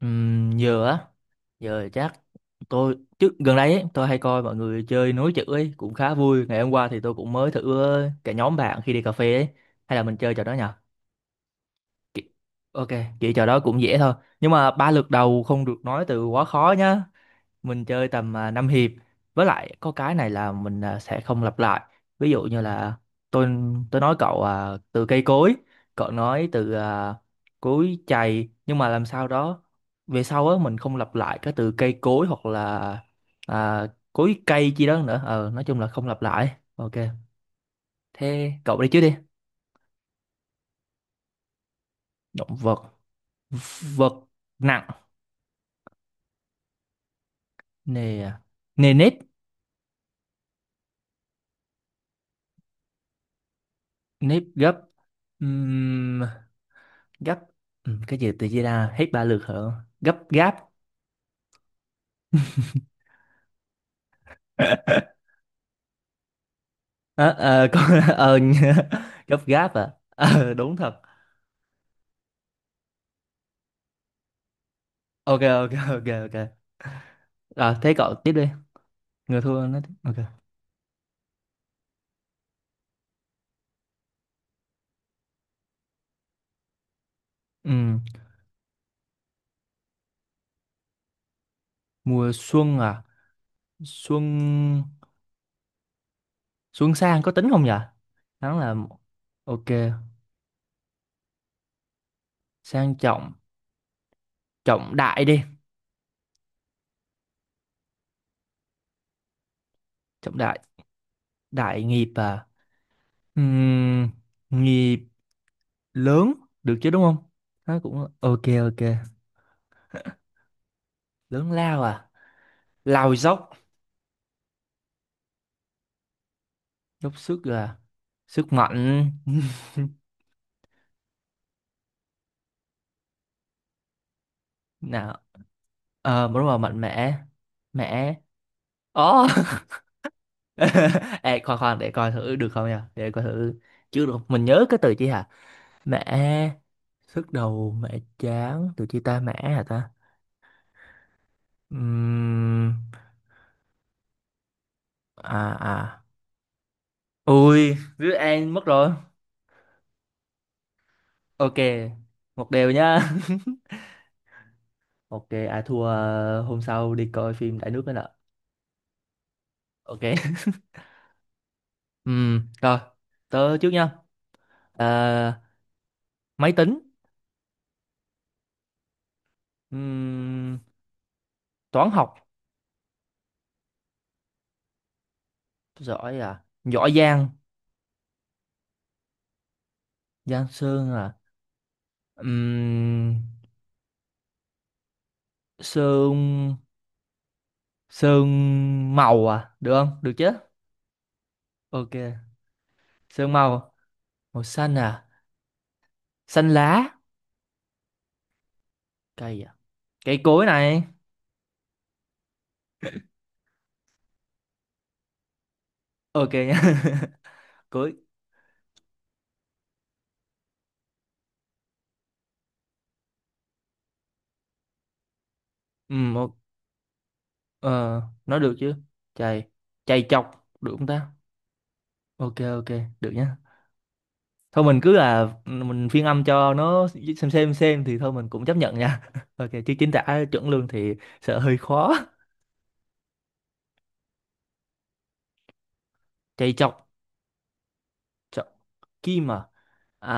Giờ á, giờ chắc tôi trước gần đây ấy, tôi hay coi mọi người chơi nối chữ ấy, cũng khá vui. Ngày hôm qua thì tôi cũng mới thử cả nhóm bạn khi đi cà phê ấy, hay là mình chơi trò đó nhở. Ok, kiểu trò đó cũng dễ thôi, nhưng mà ba lượt đầu không được nói từ quá khó nhá. Mình chơi tầm năm hiệp. Với lại có cái này là mình sẽ không lặp lại. Ví dụ như là tôi tôi nói cậu từ cây cối, cậu nói từ cối chày, nhưng mà làm sao đó về sau á mình không lặp lại cái từ cây cối, hoặc là à, cối cây chi đó nữa. Ờ nói chung là không lặp lại, ok. Thế cậu đi trước đi. Động vật, vật nặng, nề nề nếp, nếp gấp, gấp. Ừ, cái gì tự chia ra hết ba lượt hả? Gấp gáp. Ờ, ờ, con ờ, nhớ- gấp gáp à? Ờ, đúng thật. Ok ok ok ok, thế cậu tiếp đi. Người thua nói tiếp, ok. Ừ, mùa xuân à, xuân, xuân sang có tính không nhỉ? Hắn là, ok. Sang trọng, trọng đại đi, trọng đại, đại nghiệp à? Ừm, Nghiệp lớn được chứ, đúng không? Nó cũng ok ok. Lớn lao à, lao dốc, dốc sức là sức mạnh. Nào, ờ đúng rồi, mạnh mẽ, mẽ, ồ. Ê, khoan khoan để coi thử được không nha, để coi thử chứ được không? Mình nhớ cái từ chi hả mẹ, sức đầu mẹ, chán từ chi ta mẹ hả ta? Ừm, À à, ui đứa An mất rồi, ok, một đều nhá. Ok, à thua. Ờ, hôm sau đi coi phim Đại Nước nữa nè. Ok. Rồi, tớ trước nha. Ờ, máy tính. Ừm, Toán học giỏi, à giỏi Giang, Giang Sơn à? Ừm, Sơn, Sơn màu à, được không, được chứ. Ok, Sơn màu, màu xanh à, xanh lá, cây à, cây cối này. Ok nha. Cối. Ok. Ờ, nói được chứ. Chày, chày chọc được không ta? Ok ok, được nhá. Thôi mình cứ là ừ, mình phiên âm cho nó, xem thì thôi mình cũng chấp nhận nha. Ok, chứ chính tả chuẩn luôn thì sợ hơi khó. Chạy chọc, chọc kim à? À.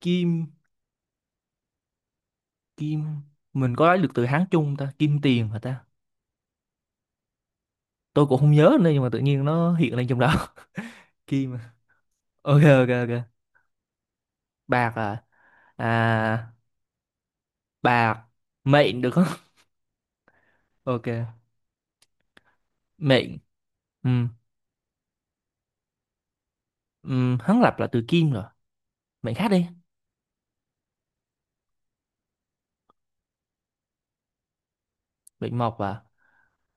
Kim, kim, mình có lấy được từ Hán chung không ta? Kim tiền hả ta? Tôi cũng không nhớ nữa, nhưng mà tự nhiên nó hiện lên trong đó. Kim à? Ok ok ok. Bạc à? À, bạc mệnh được không? Ok, mệnh, ừ, ừ hắn lập là từ kim rồi, mệnh khác đi. Mệnh mộc à?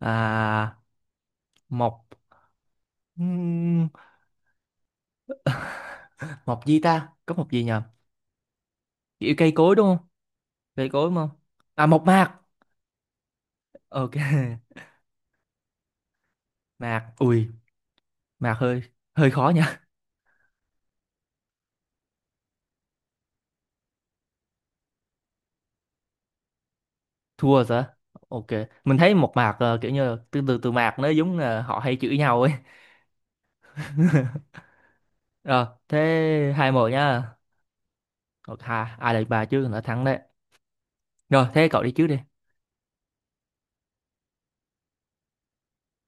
À, mộc, ừm, mộc gì ta, có mộc gì nhờ? Kiểu cây cối đúng không, cây cối đúng không? À, mộc mạc. Ok. Mạc ui, mạc hơi, hơi khó nha. Thua rồi sao? Ok, mình thấy mộc mạc kiểu như là từ từ từ mạc nó giống là họ hay chửi nhau ấy. Rồi thế hai một nhá. Ok, hai ai là bà chứ, đã thắng đấy. Rồi thế cậu đi trước đi.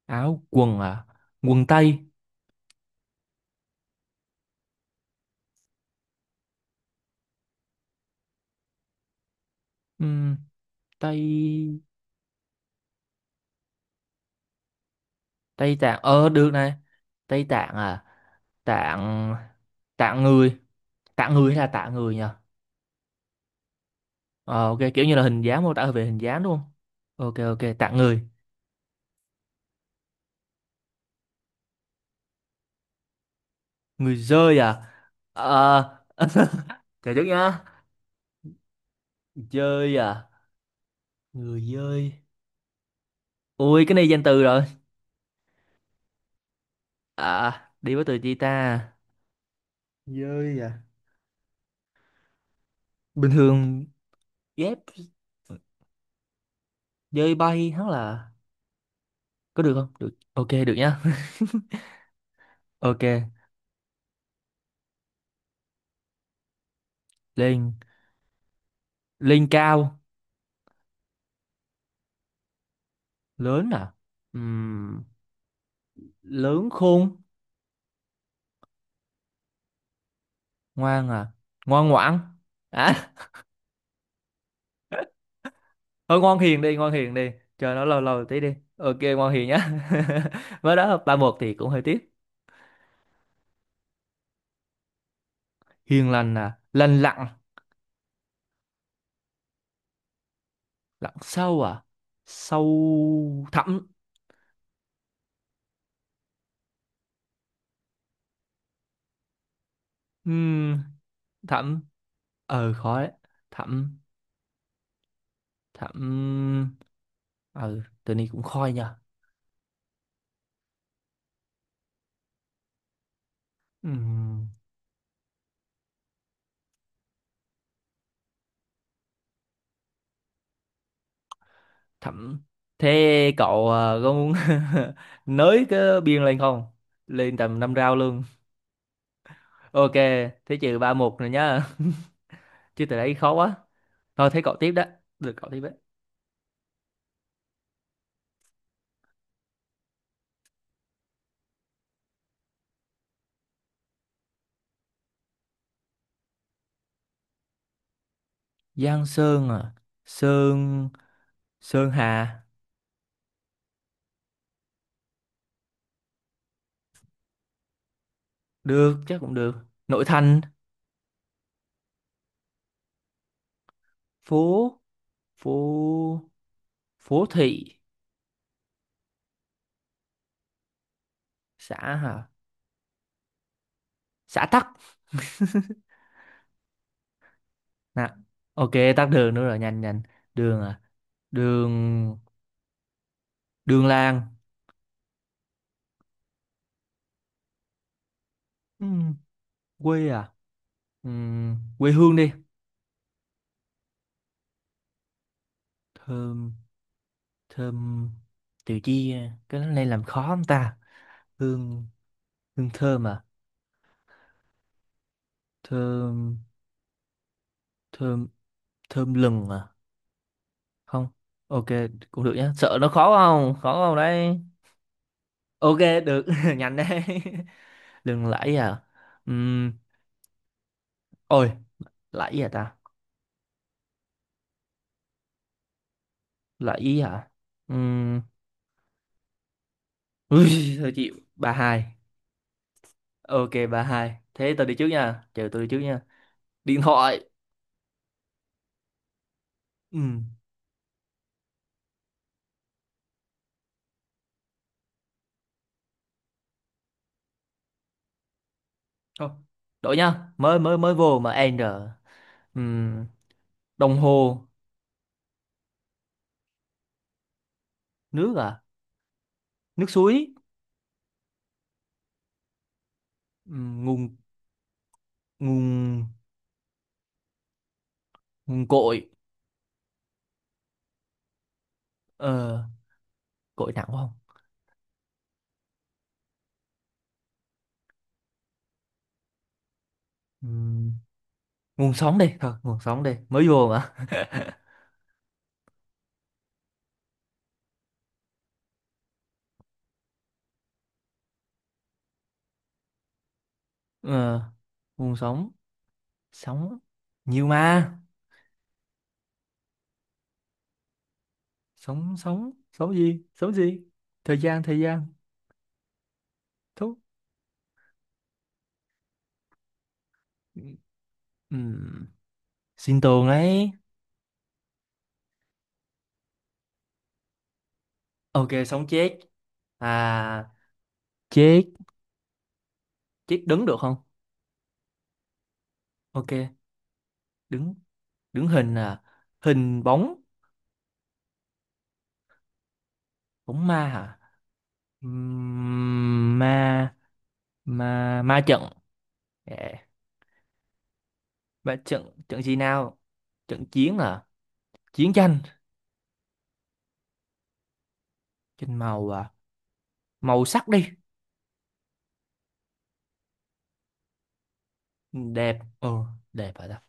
Áo quần à, quần tây. Ừm, Tây, Tây Tạng, ờ được này, Tây Tạng à, Tạng, Tạng người, Tạng người hay là tạng người nhỉ? Ờ, ok, kiểu như là hình dáng, mô tả về hình dáng đúng không? Ok ok, tạng người, người dơi à? Ờ. Chờ chút nhá. Dơi à, người dơi, ui cái này danh từ rồi, à đi với từ chi ta, dơi à, bình thường ghép, dơi bay hắn là, có được không, được, ok, được nhá. Ok, lên, lên cao, lớn à? Ừm, Lớn khôn, ngoan à, ngoan ngoãn, à. Thôi ngoan hiền đi, ngoan hiền đi, chờ nó lâu lâu tí đi, ok ngoan hiền nhá. Mới đó ba một thì cũng hơi tiếc. Hiền lành à, lành lặn, lặn sâu à, sâu thẳm. Ừm, Thẳm, ờ khó đấy, thẳm, thẳm, ừ tự nhiên cũng khôi nha. Ừm, Thẳm. Thế cậu có muốn nới cái biên lên không, lên tầm năm rau luôn. Ok, thế trừ ba một rồi nhá. Chứ từ đấy khó quá. Thôi thế cậu tiếp đó. Được, cậu tiếp đấy. Giang Sơn à? Sơn... Sơn Hà. Được, chắc cũng được. Nội thành. Phố... Phố... Phố thị. Xã hả? Xã Tắc. Nè. Ok, tắc đường nữa rồi. Nhanh, nhanh. Đường à? Đường... Đường làng. Ừm, quê à? Quê hương đi. Thơm... Thơm... Từ chi... à? Cái này làm khó không ta? Hương, hương thơm à, thơm, thơm, thơm lừng à, không, ok, cũng được nhá, sợ nó khó không, khó không đấy. Ok, được. Nhanh đấy. Lừng lẫy à? Ừm, Ôi, lẫy à ta, lẫy à, Ừm, ui. Thôi chịu, ba hai. Ok ba hai, thế tôi đi trước nha, chờ tôi đi trước nha. Điện thoại. Ừm, Thôi đổi nhá, mới mới mới vô mà end rồi. Ừm, Đồng hồ. Nước à, nước suối. Nguồn, nguồn, nguồn cội. Ờ cội nặng quá không? Ừm, Nguồn sống đi, thôi nguồn sống đi, mới vô mà. Ờ nguồn sống, sống nhiều mà, sống, sống gì, sống gì, thời gian, thời gian thú. Ừm, Sinh tồn ấy. Ok, sống chết à, chết, chết đứng được không? Ok, đứng, đứng hình à, hình bóng, bóng ma hả? Ma, ma trận, yeah. Ma trận, trận gì nào, trận chiến à, chiến tranh, trên màu à, màu sắc đi, đẹp ừ, đẹp hả ta,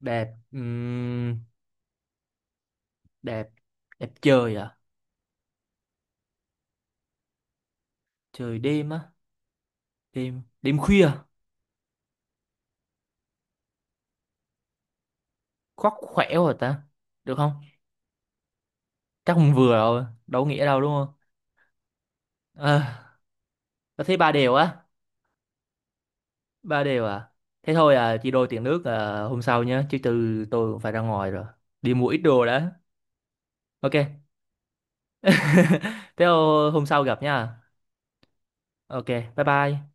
đẹp, đẹp, đẹp trời à, trời đêm á, đêm, đêm khuya, khoác khỏe rồi ta, được không, chắc không vừa rồi đâu có nghĩa đâu đúng không? À, tôi thấy ba đều á, ba đều à. Thế thôi à, chị đôi tiền nước à, hôm sau nhé, chứ từ tôi cũng phải ra ngoài rồi, đi mua ít đồ đã. Ok. Thế hôm sau gặp nha. Ok, bye bye.